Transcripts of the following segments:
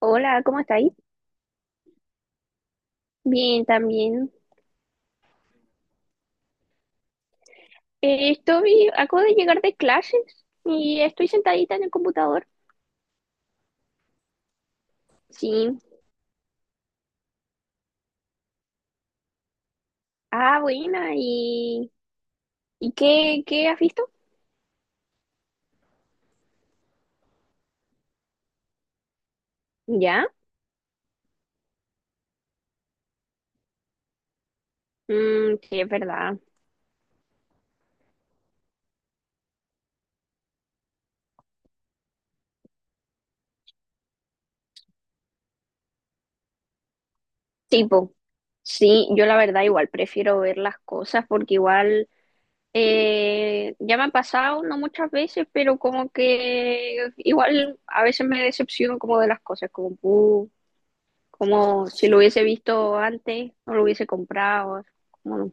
Hola, ¿cómo estáis? Bien, también. Acabo de llegar de clases y estoy sentadita en el computador. Sí. Ah, buena. ¿Y qué has visto? ¿Ya? Mm, sí, es verdad. Tipo, sí, yo la verdad igual prefiero ver las cosas porque igual ya me ha pasado, no muchas veces, pero como que igual a veces me decepciono como de las cosas, como, como si lo hubiese visto antes, no lo hubiese comprado. Como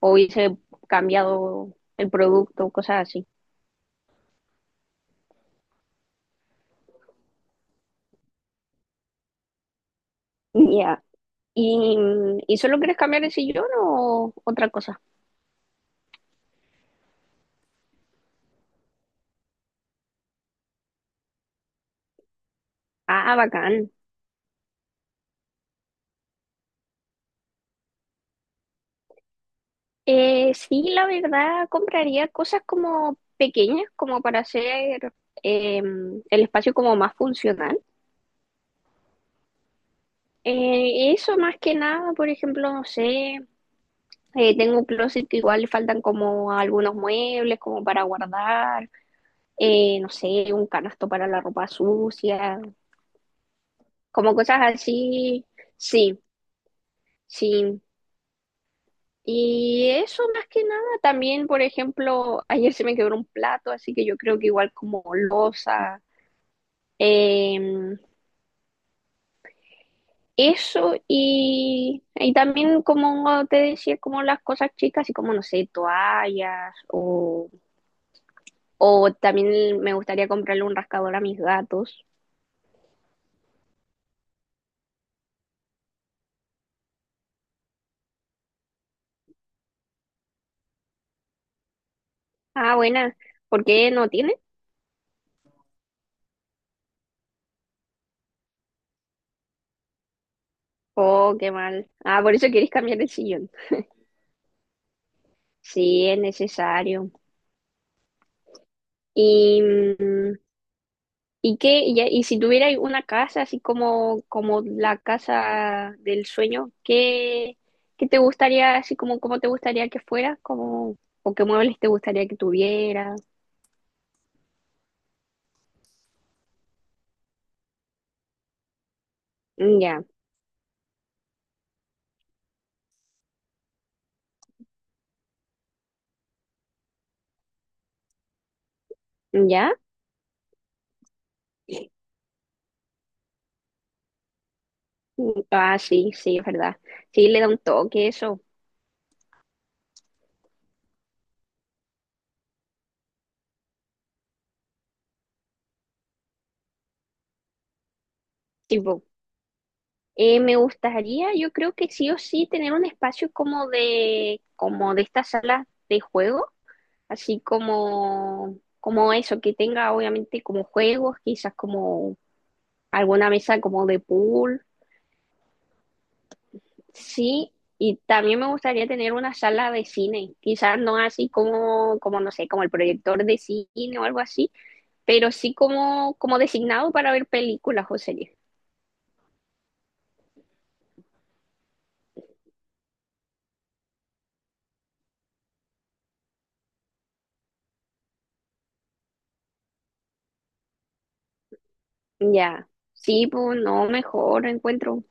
o hubiese cambiado el producto, cosas así. Ya. ¿Y, ¿Y solo quieres cambiar el sillón o otra cosa? Ah, bacán. Sí, la verdad, compraría cosas como pequeñas, como para hacer eh, el espacio como más funcional. Eso más que nada, por ejemplo, no sé, tengo un closet que igual le faltan como algunos muebles como para guardar, no sé, un canasto para la ropa sucia, como cosas así, sí, sí. Y eso más que nada, también, por ejemplo, ayer se me quebró un plato, así que yo creo que igual como losa, em, eso y también como te decía, como las cosas chicas, y como, no sé, toallas o también me gustaría comprarle un rascador a mis gatos. Ah, buena, ¿por qué no tiene? Oh, qué mal. Ah, por eso quieres cambiar el sillón. Sí, es necesario. Y, mm, y si tuvierais una casa, así como, como la casa del sueño, ¿qué te gustaría, así como cómo te gustaría que fuera? Como, ¿o qué muebles te gustaría que tuviera? Mm. Ya. Mm, ya. Mm. Ah, sí, sí, es verdad. Sí, le da un toque eso. Tipo, me gustaría, yo creo que sí o sí, tener un espacio como de esta sala de juego, así como, como eso, que tenga obviamente como juegos, quizás como alguna mesa como de pool, sí, y también me gustaría tener una sala de cine, quizás no así como, como no sé, como el proyector de cine o algo así, pero sí como, como designado para ver películas o series. Ya, sí, pues no, mejor encuentro.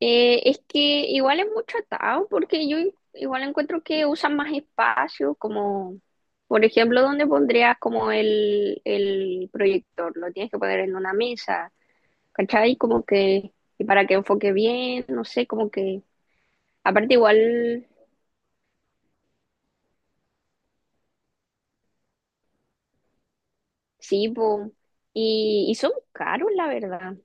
Es que igual es mucho atado, porque yo igual encuentro que usan más espacio, como, por ejemplo, ¿dónde pondrías como el proyector? Lo tienes que poner en una mesa, ¿cachai? Como que, y para que enfoque bien, no sé, como que, aparte igual, sí, po, y son caros, la verdad,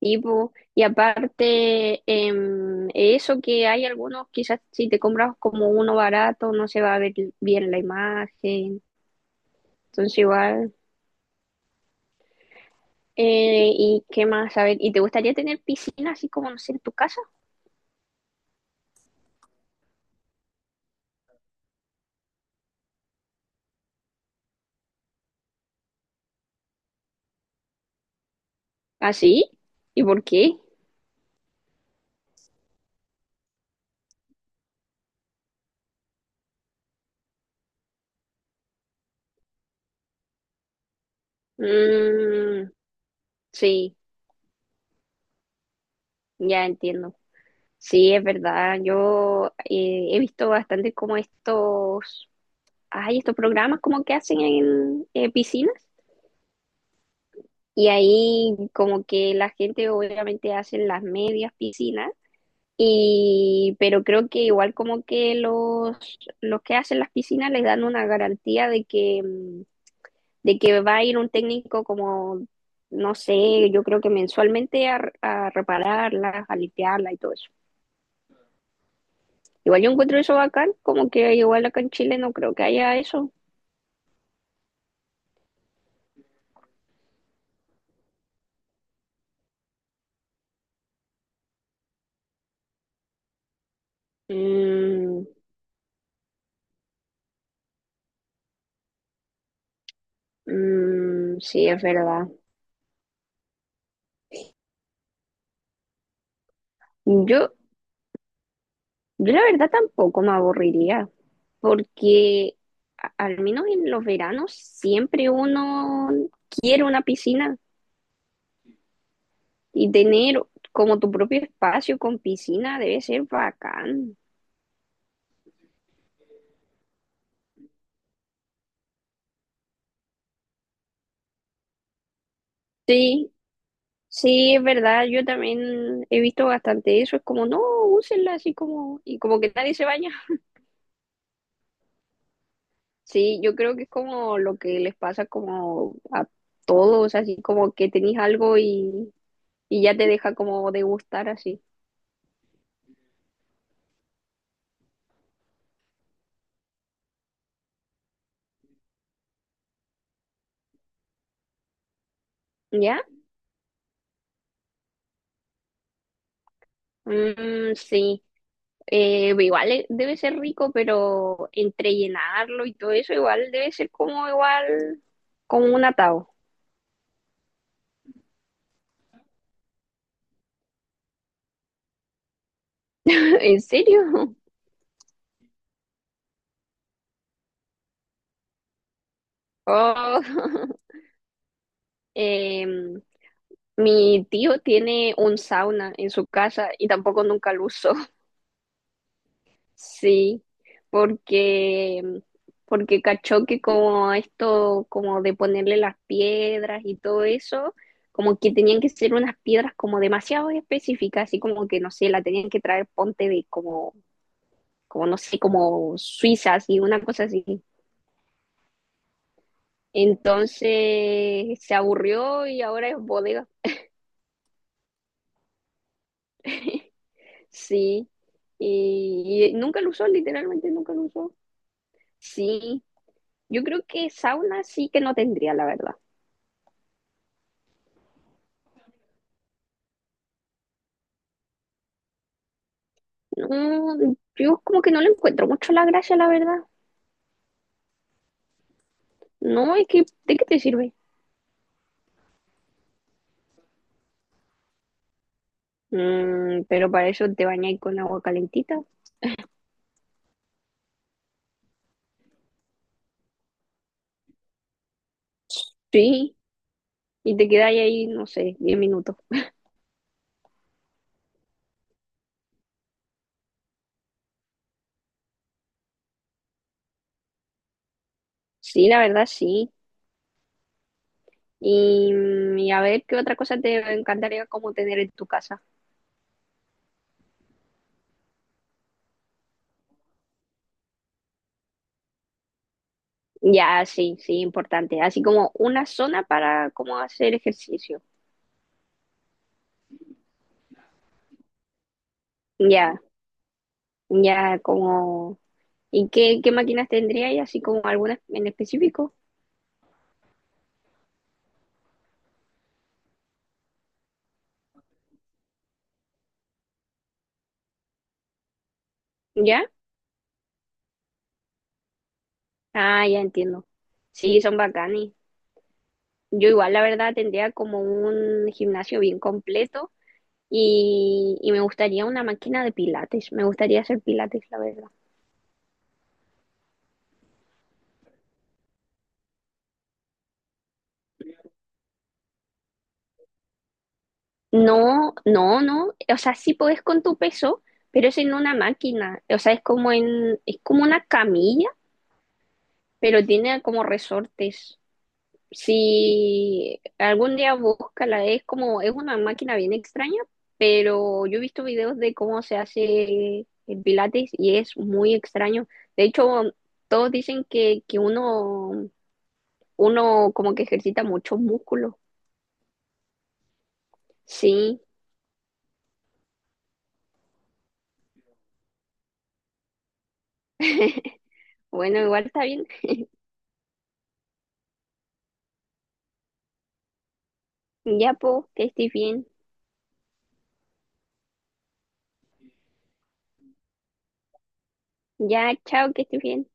sí, po, y aparte, eso que hay algunos, quizás si te compras como uno barato, no se va a ver bien la imagen, entonces igual, y qué más, a ver, ¿y te gustaría tener piscina así como, no sé, en tu casa? ¿Así? ¿Y por qué? Mm, sí, ya entiendo. Sí, es verdad. Yo he visto bastante como estos, hay estos programas como que hacen en piscinas y ahí como que la gente obviamente hace las medias piscinas y pero creo que igual como que los que hacen las piscinas les dan una garantía de que mm, de que va a ir un técnico como no sé, yo creo que mensualmente a repararlas, a limpiarlas y todo eso. Igual yo encuentro eso bacán, como que igual acá en Chile no creo que haya eso. Mm. Mm, sí, es verdad. Yo, yo la verdad tampoco me aburriría, porque a- al menos en los veranos siempre uno quiere una piscina y tener como tu propio espacio con piscina debe ser bacán. Sí, sí, es verdad, yo también he visto bastante eso, es como, no, úsenla así como, y como que nadie se baña. Sí, yo creo que es como lo que les pasa como a todos, así como que tenéis algo y ya te deja como de gustar así. ¿Ya? Mm, sí. Igual debe ser rico, pero entre llenarlo y todo eso, igual debe ser como igual, como un atado. ¿En serio? Oh. Em, Mi tío tiene un sauna en su casa y tampoco nunca lo usó. Sí, porque, porque cachó que como esto, como de ponerle las piedras y todo eso, como que tenían que ser unas piedras como demasiado específicas, así como que, no sé, la tenían que traer ponte de como, como no sé, como suizas y una cosa así. Entonces se aburrió y ahora es bodega. Sí, y nunca lo usó, literalmente nunca lo usó. Sí, yo creo que sauna sí que no tendría, la verdad. No, yo como que no le encuentro mucho la gracia, la verdad. No, es que, ¿de qué te sirve? Mm, pero para eso te bañáis con agua calentita. Sí, y te quedáis ahí, no sé, 10 minutos. Sí, la verdad, sí. Y a ver, ¿qué otra cosa te encantaría como tener en tu casa? Ya, sí, sí, importante. Así como una zona para como hacer ejercicio. Ya, ya, como... ¿Y qué máquinas tendríais? Así como alguna en específico. ¿Ya? Ah, ya entiendo. Sí, son bacanes. Yo igual, la verdad, tendría como un gimnasio bien completo y me gustaría una máquina de pilates. Me gustaría hacer pilates, la verdad. No, no, no. O sea, sí podés con tu peso, pero es en una máquina. O sea, es como una camilla, pero tiene como resortes. Si algún día búscala, es como, es una máquina bien extraña, pero yo he visto videos de cómo se hace el pilates y es muy extraño. De hecho, todos dicen que, que uno como que ejercita muchos músculos. Sí, bueno, igual está bien. Ya, po, que estés bien. Ya, chao, que estés bien.